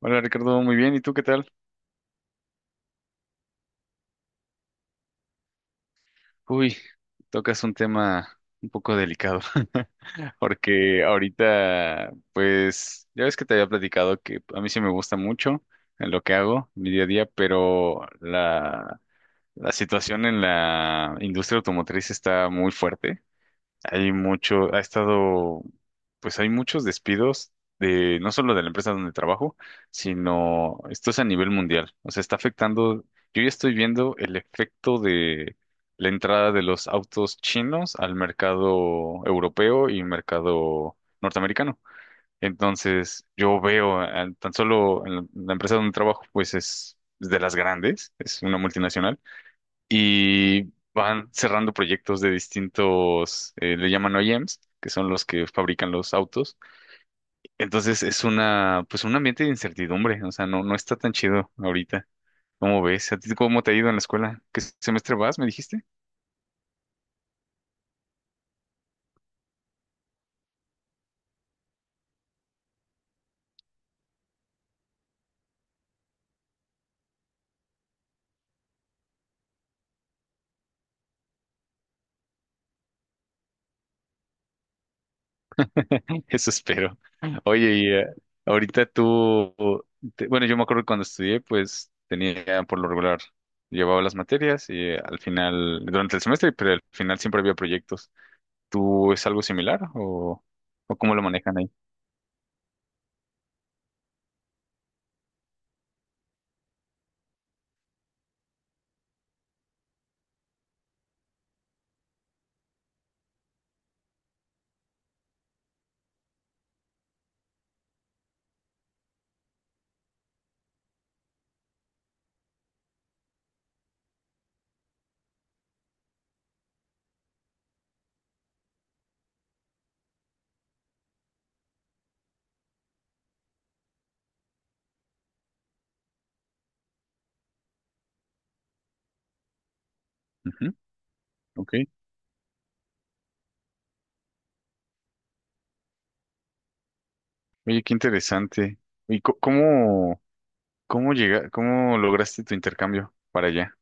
Hola Ricardo, muy bien. ¿Y tú qué tal? Uy, tocas un tema un poco delicado, porque ahorita, pues, ya ves que te había platicado que a mí sí me gusta mucho en lo que hago, mi día a día, pero la situación en la industria automotriz está muy fuerte. Hay mucho, ha estado, pues hay muchos despidos de, no solo de la empresa donde trabajo, sino esto es a nivel mundial. O sea, está afectando, yo ya estoy viendo el efecto de la entrada de los autos chinos al mercado europeo y mercado norteamericano. Entonces, yo veo tan solo en la empresa donde trabajo, pues es de las grandes, es una multinacional y van cerrando proyectos de distintos, le llaman OEMs, que son los que fabrican los autos. Entonces es una, pues un ambiente de incertidumbre, o sea, no, no está tan chido ahorita. ¿Cómo ves? ¿A ti cómo te ha ido en la escuela? ¿Qué semestre vas, me dijiste? Eso espero. Oye, y ahorita tú, bueno, yo me acuerdo que cuando estudié, pues tenía por lo regular, llevaba las materias y al final, durante el semestre, pero al final siempre había proyectos. ¿Tú es algo similar o cómo lo manejan ahí? Ujú, ok. Oye, qué interesante. ¿Y cómo, cómo llega, cómo lograste tu intercambio para allá?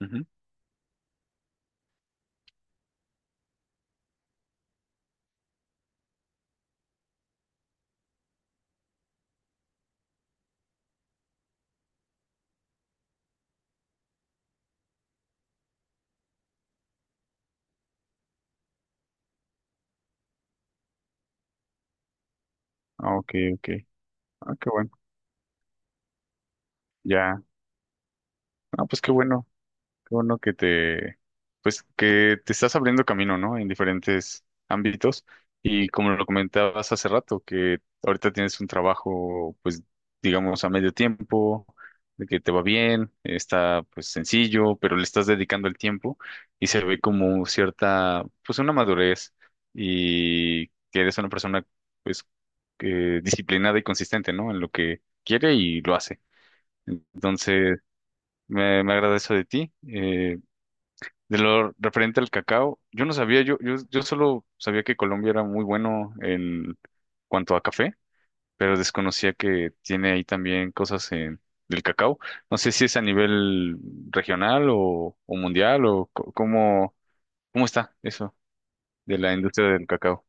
Ujú. Ah, ok, ok. Ah, qué bueno. Ya. Ah, pues qué bueno. Qué bueno que te, pues que te estás abriendo camino, ¿no? En diferentes ámbitos. Y como lo comentabas hace rato, que ahorita tienes un trabajo, pues, digamos, a medio tiempo, de que te va bien, está pues sencillo, pero le estás dedicando el tiempo y se ve como cierta, pues una madurez y que eres una persona, pues, que disciplinada y consistente, ¿no? En lo que quiere y lo hace. Entonces, me agrada eso de ti. De lo referente al cacao, yo no sabía, yo solo sabía que Colombia era muy bueno en cuanto a café, pero desconocía que tiene ahí también cosas en, del cacao. No sé si es a nivel regional o mundial o cómo, cómo está eso de la industria del cacao.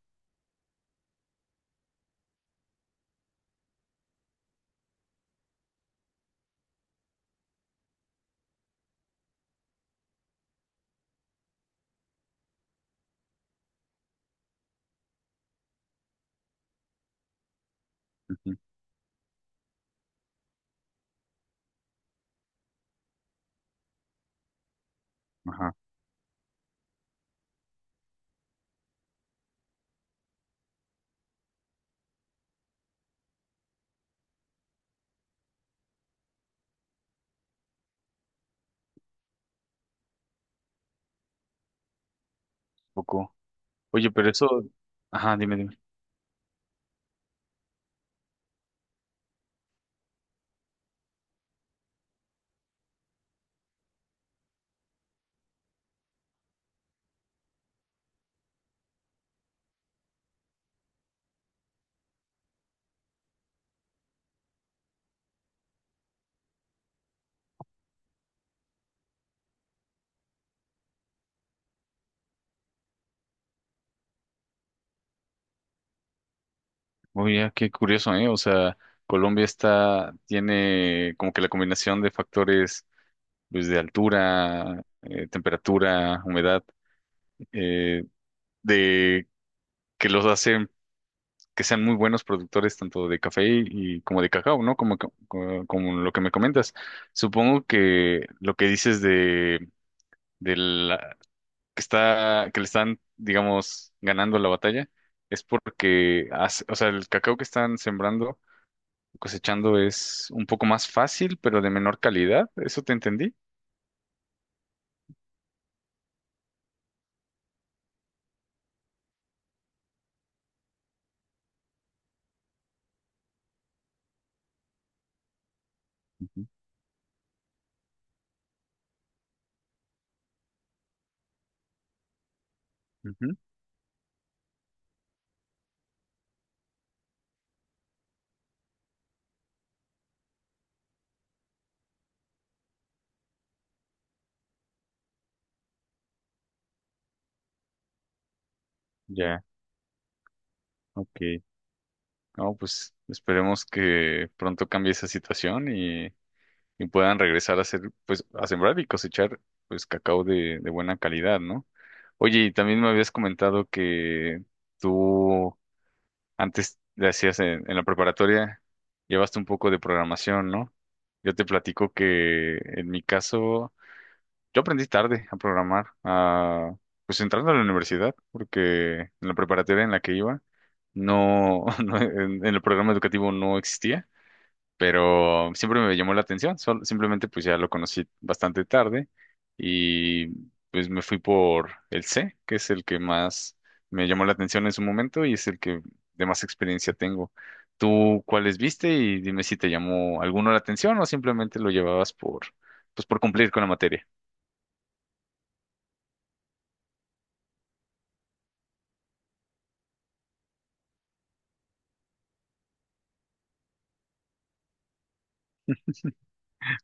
Ujú, ajá, un poco. Oye, pero eso, ajá, dime, dime. Oye, qué curioso, ¿eh? O sea, Colombia está, tiene como que la combinación de factores luz de altura, temperatura, humedad, eh, de que los hacen que sean muy buenos productores tanto de café y como de cacao, ¿no? Como, como, lo que me comentas. Supongo que lo que dices de la, que está, que le están, digamos, ganando la batalla es porque, o sea, el cacao que están sembrando, cosechando es un poco más fácil, pero de menor calidad. ¿Eso te entendí? Ujú, ujú. Ya, ok. No, pues esperemos que pronto cambie esa situación y puedan regresar a hacer, pues, a sembrar y cosechar, pues, cacao de buena calidad, ¿no? Oye, y también me habías comentado que tú antes le hacías en la preparatoria, llevaste un poco de programación, ¿no? Yo te platico que en mi caso, yo aprendí tarde a programar, a, pues entrando a la universidad, porque en la preparatoria en la que iba, no, no en el programa educativo no existía, pero siempre me llamó la atención, simplemente pues ya lo conocí bastante tarde y pues me fui por el C, que es el que más me llamó la atención en su momento y es el que de más experiencia tengo. ¿Tú cuáles viste y dime si te llamó alguno la atención o simplemente lo llevabas por pues por cumplir con la materia?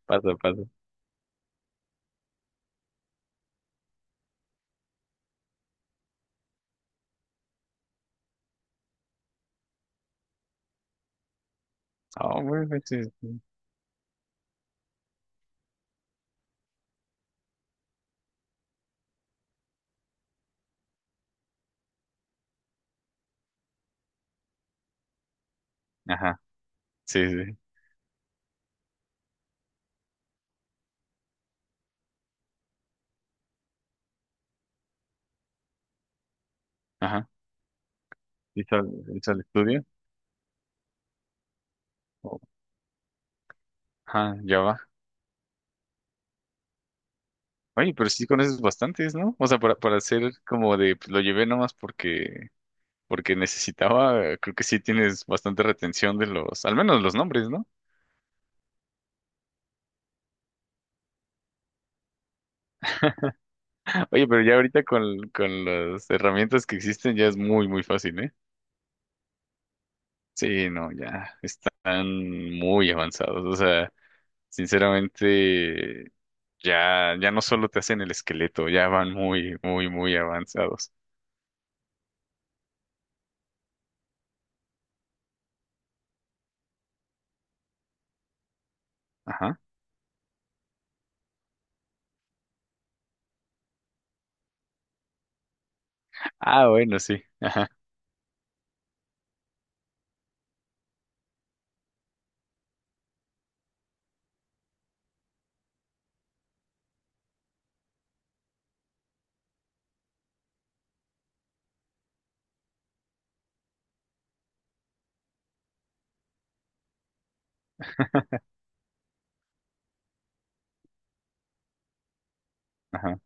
Paso, paso. Ah, bueno, pues, sí, sí. Ajá, sí, sí, sí. Ajá, ¿hizo, hizo el estudio? O- ajá, ya va. Oye, pero sí conoces bastantes, ¿no? O sea, para hacer como de, pues, lo llevé nomás porque, porque necesitaba, creo que sí tienes bastante retención de los, al menos los nombres, ¿no? Oye, pero ya ahorita con las herramientas que existen ya es muy, muy fácil, ¿eh? Sí, no, ya están muy avanzados. O sea, sinceramente, ya, ya no solo te hacen el esqueleto, ya van muy, muy, muy avanzados. Ajá. Ah, bueno, sí. Ajá, ajá,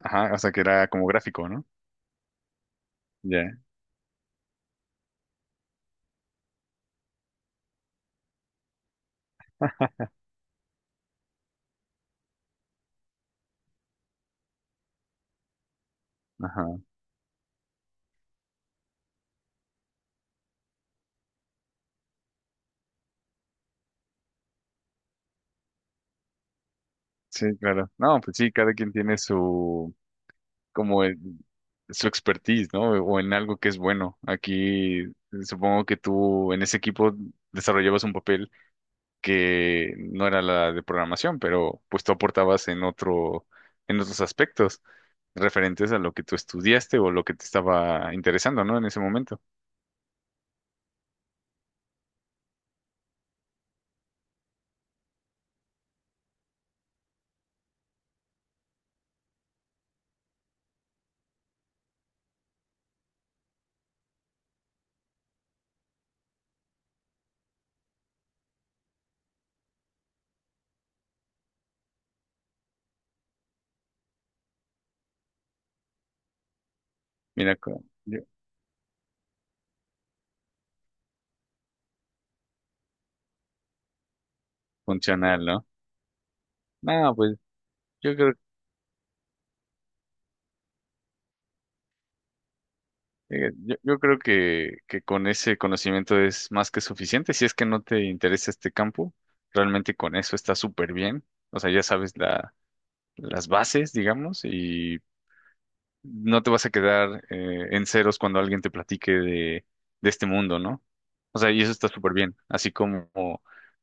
ajá. O sea, que era como gráfico, ¿no? Ya, ajá. Sí, claro. No, pues sí, cada quien tiene su, como el- su expertise, ¿no? O en algo que es bueno. Aquí supongo que tú en ese equipo desarrollabas un papel que no era la de programación, pero pues tú aportabas en otro, en otros aspectos referentes a lo que tú estudiaste o lo que te estaba interesando, ¿no? En ese momento. Mira, co- yo- funcional, ¿no? No, pues yo creo. Yo, yo creo que con ese conocimiento es más que suficiente. Si es que no te interesa este campo, realmente con eso está súper bien. O sea, ya sabes la, las bases, digamos, y no te vas a quedar en ceros cuando alguien te platique de este mundo, ¿no? O sea, y eso está súper bien. Así como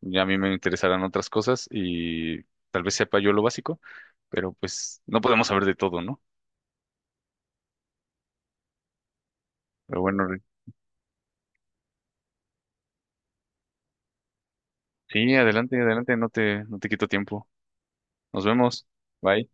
ya a mí me interesarán otras cosas y tal vez sepa yo lo básico, pero pues no podemos saber de todo, ¿no? Pero bueno, Rick, sí, adelante, adelante, no te, no te quito tiempo. Nos vemos. Bye.